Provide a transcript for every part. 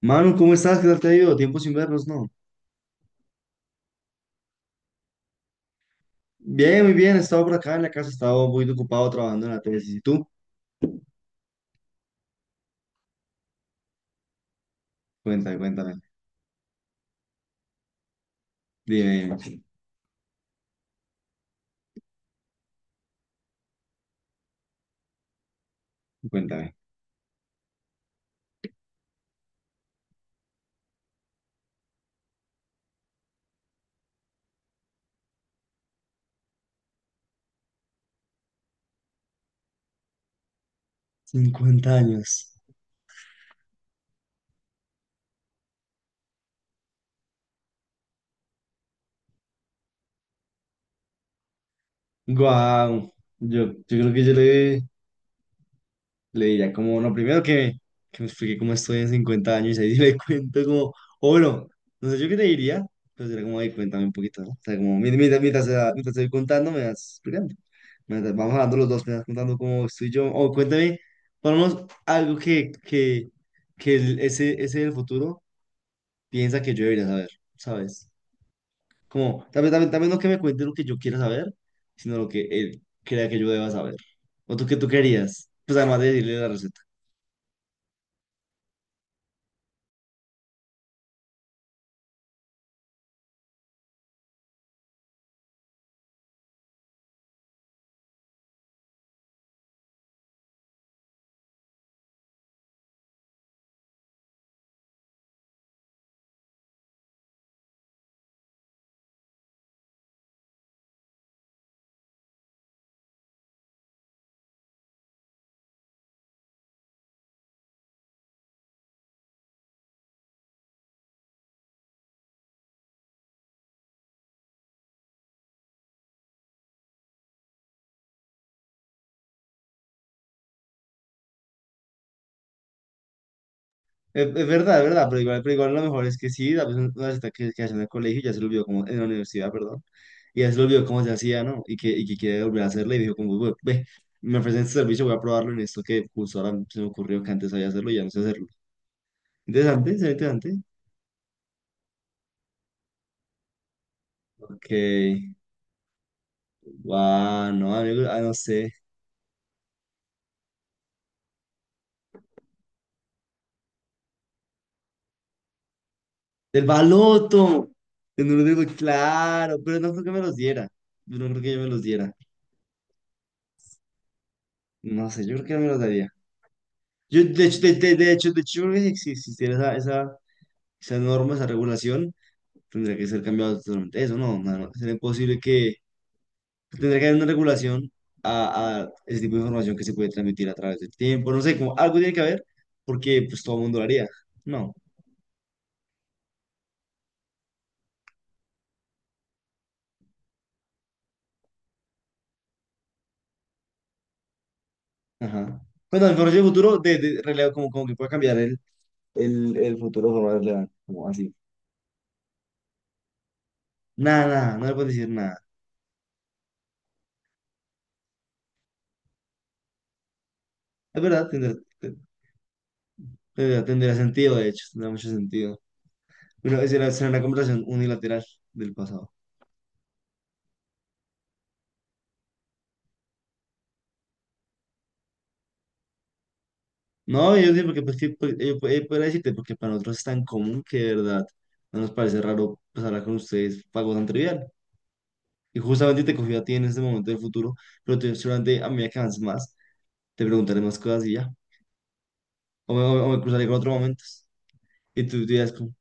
Manu, ¿cómo estás? ¿Qué tal te ha ido? Tiempo sin vernos, ¿no? Bien, muy bien. He estado por acá en la casa, he estado un poquito ocupado trabajando en la tesis. ¿Y tú? Cuéntame, cuéntame. Dime, dime, cuéntame. 50 años. Guau. Yo creo que yo le, le diría como, no, primero que me explique cómo estoy en 50 años y ahí le cuento como, o bueno, no sé yo qué te diría, pero sería como, ahí cuéntame un poquito, ¿no? O sea, como, mientras te voy contando, me vas explicando. Mientras vamos hablando los dos, me vas contando cómo estoy yo, o cuéntame, ponemos algo que ese del futuro piensa que yo debería saber, ¿sabes? Como, también no que me cuente lo que yo quiera saber, sino lo que él crea que yo deba saber. ¿O tú qué tú querías? Pues además de decirle la receta. Es verdad, es verdad, pero igual lo mejor es que sí, la persona que hace en el colegio ya se lo olvidó como, en la universidad, perdón, y ya se lo olvidó cómo se hacía, ¿no? Y que quiere volver a hacerlo y dijo como, "Bueno, ve, me ofrecen este servicio, voy a probarlo en esto que justo ahora se me ocurrió que antes sabía hacerlo y ya no sé hacerlo". Interesante, será interesante. Ok, guau no, amigo, ah, no sé. ¡El baloto! Yo no lo digo, claro, pero no creo que me los diera. Yo no creo que yo me los diera. No sé, yo creo que no me los daría. Yo, de hecho, de hecho, yo creo que si existiera esa esa norma, esa regulación, tendría que ser cambiado totalmente eso, ¿no? No, no, sería imposible que pues, tendría que haber una regulación a ese tipo de información que se puede transmitir a través del tiempo, no sé, como algo tiene que haber, porque pues todo el mundo lo haría, ¿no? Ajá. Bueno, el información del futuro, de relevo, como, como que pueda cambiar el futuro de forma relevante, como así. Nada, nada, no le puedes decir nada. Es verdad, te- tendrá sentido, de hecho, tendrá mucho sentido. Bueno, esa era una conversación unilateral del pasado. No, yo sí, porque pues, sí, pues, pues, podría decirte, porque para nosotros es tan común que de verdad no nos parece raro pues, hablar con ustedes fue algo tan trivial. Y justamente te cogí a ti en este momento del futuro, seguramente a medida que avances más, te preguntaré más cosas y ya. O me cruzaré con otros momentos. Y tú dirás como,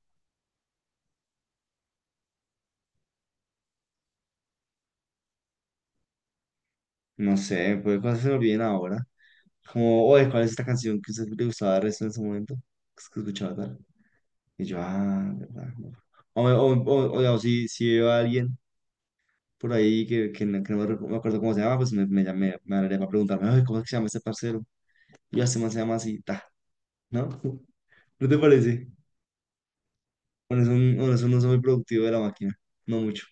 no sé, pues cosas se me olviden ahora. Como, oye, ¿cuál es esta canción que a usted le gustaba de resto en ese momento? Que es que escuchaba tal. Y yo, ah, verdad, no. O, me- o si, veo a alguien por ahí que no me, me acuerdo cómo se llama, pues hablaría para preguntarme, "Ay, ¿cómo es que se llama este parcero? Yo este man se llama así, ta, ¿no?" ¿No te parece? Bueno, bueno, es un uso muy productivo de la máquina, no mucho.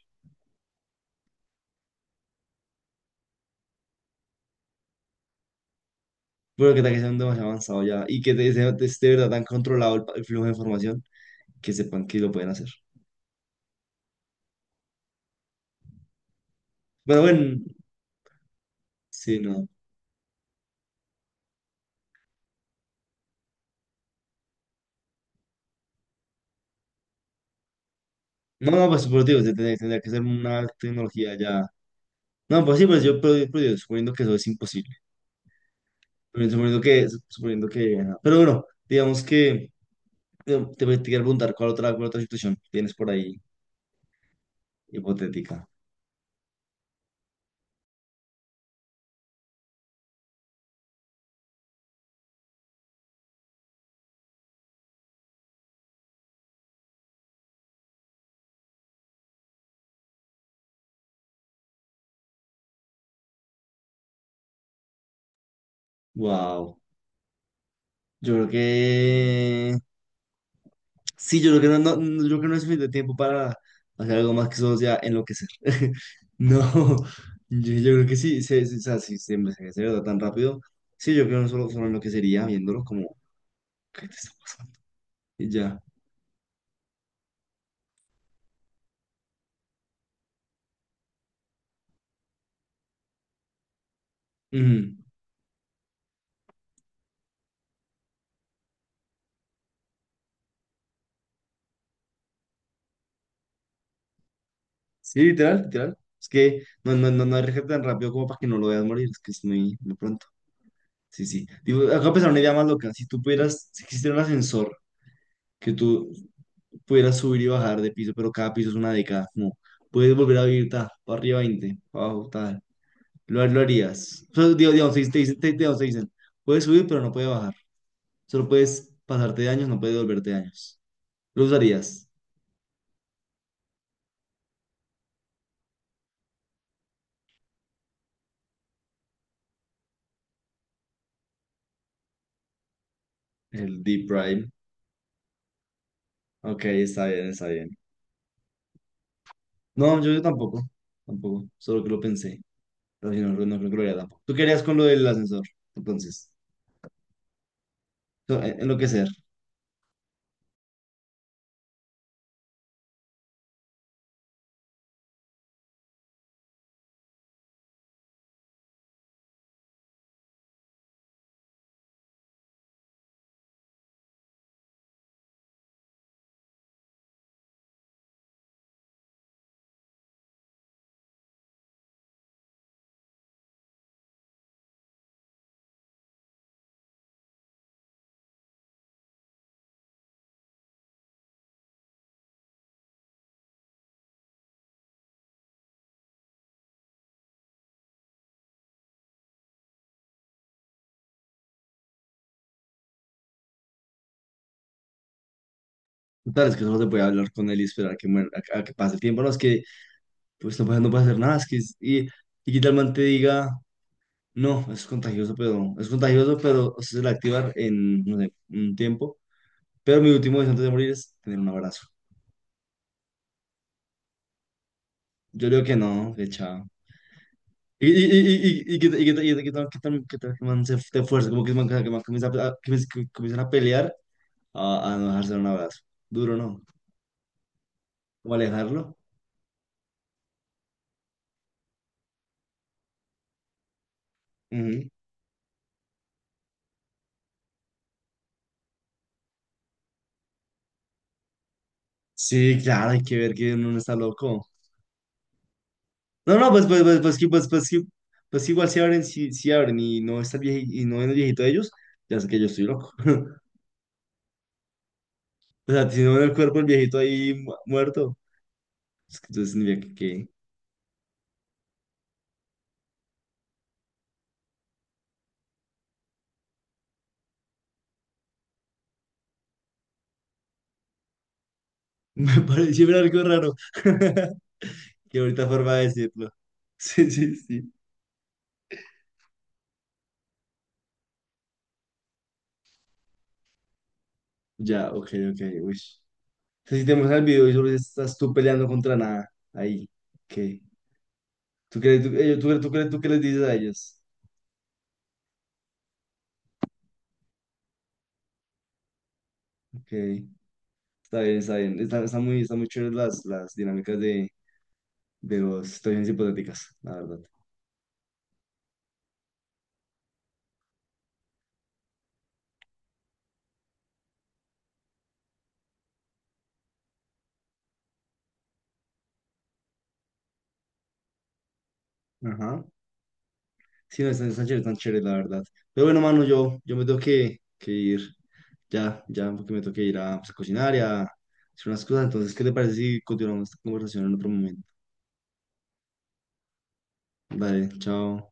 Pero que tal que sea un demasiado avanzado ya y que esté de verdad tan controlado el flujo de información que sepan que lo pueden hacer. Pero bueno, sí, no. No, no, pues, pero digo, tendría que ser una tecnología ya. No, pues sí, pues yo, pero yo suponiendo que eso es imposible. Suponiendo que, ajá. Pero bueno, digamos que. Te quiero preguntar, ¿cuál otra situación tienes por ahí hipotética? Wow. Yo creo que... Sí, yo creo que yo creo que no es suficiente tiempo para hacer algo más que solo sea enloquecer. No, yo creo que sí, o sea, si se me da tan rápido, sí, yo creo que no solo enloquecería viéndolo como... ¿Qué te está pasando? Y ya. Ujú. Sí, literal, literal. Es que no hay rescate tan rápido como para que no lo veas morir, es que es muy, muy pronto. Sí, sí. Digo, acabo de pensar una idea más loca. Si tú pudieras, si existiera un ascensor que tú pudieras subir y bajar de piso, pero cada piso es una década, no. Puedes volver a vivir, ta, para arriba 20 para abajo, tal. Lo harías. O sea, digo, digamos, te dicen, puedes subir, pero no puedes bajar. Solo puedes pasarte de años, no puedes volverte de años. ¿Lo usarías? El Deep Prime. Ok, está bien, está bien. No, yo tampoco. Tampoco. Solo que lo pensé. Pero si no, no creo que lo haría tampoco. ¿Tú qué harías con lo del ascensor? Entonces, enloquecer. Total, es que solo se puede hablar con él y esperar que muera, a que pase el tiempo. No, es que pues no puede hacer nada. Es que, y que tal man te diga, no, es contagioso, pero se suele activar en, no sé, un tiempo. Pero mi último deseo antes de morir es tener un abrazo. Yo creo que no, que chao. Y que y que- y que- que tal que tal- que tal que man se te fuerza, como que man comienza que comienzan a pelear a no dejarse dar un abrazo. Duro, ¿no? Como alejarlo. Ujú. Sí, claro, hay que ver que uno no está loco. No, no, pues, pues, pues, pues que igual si abren, si abren y no está el viejito, y no ven el viejito de ellos, ya sé que yo estoy loco. O sea, si no ven el cuerpo del viejito ahí muerto, es que entonces tendría que... Me pareció ver algo raro. Qué bonita forma de decirlo. Sí, sí, sí. Ya, ok, ok, uy. Entonces, si te muestran el video y solo estás tú peleando contra nada, ahí, ok. ¿Tú crees, tú, ellos- tú, crees tú, ¿crees tú qué les dices a ellos? Ok, está bien, está bien. Está muy chévere las dinámicas de las situaciones hipotéticas, la verdad. Ajá. Sí, no, están chéveres, la verdad. Pero bueno, mano, yo me tengo que ir ya, ya, porque me tengo que ir a, pues, a cocinar y a hacer unas cosas. Entonces, ¿qué te parece si continuamos esta conversación en otro momento? Dale, chao.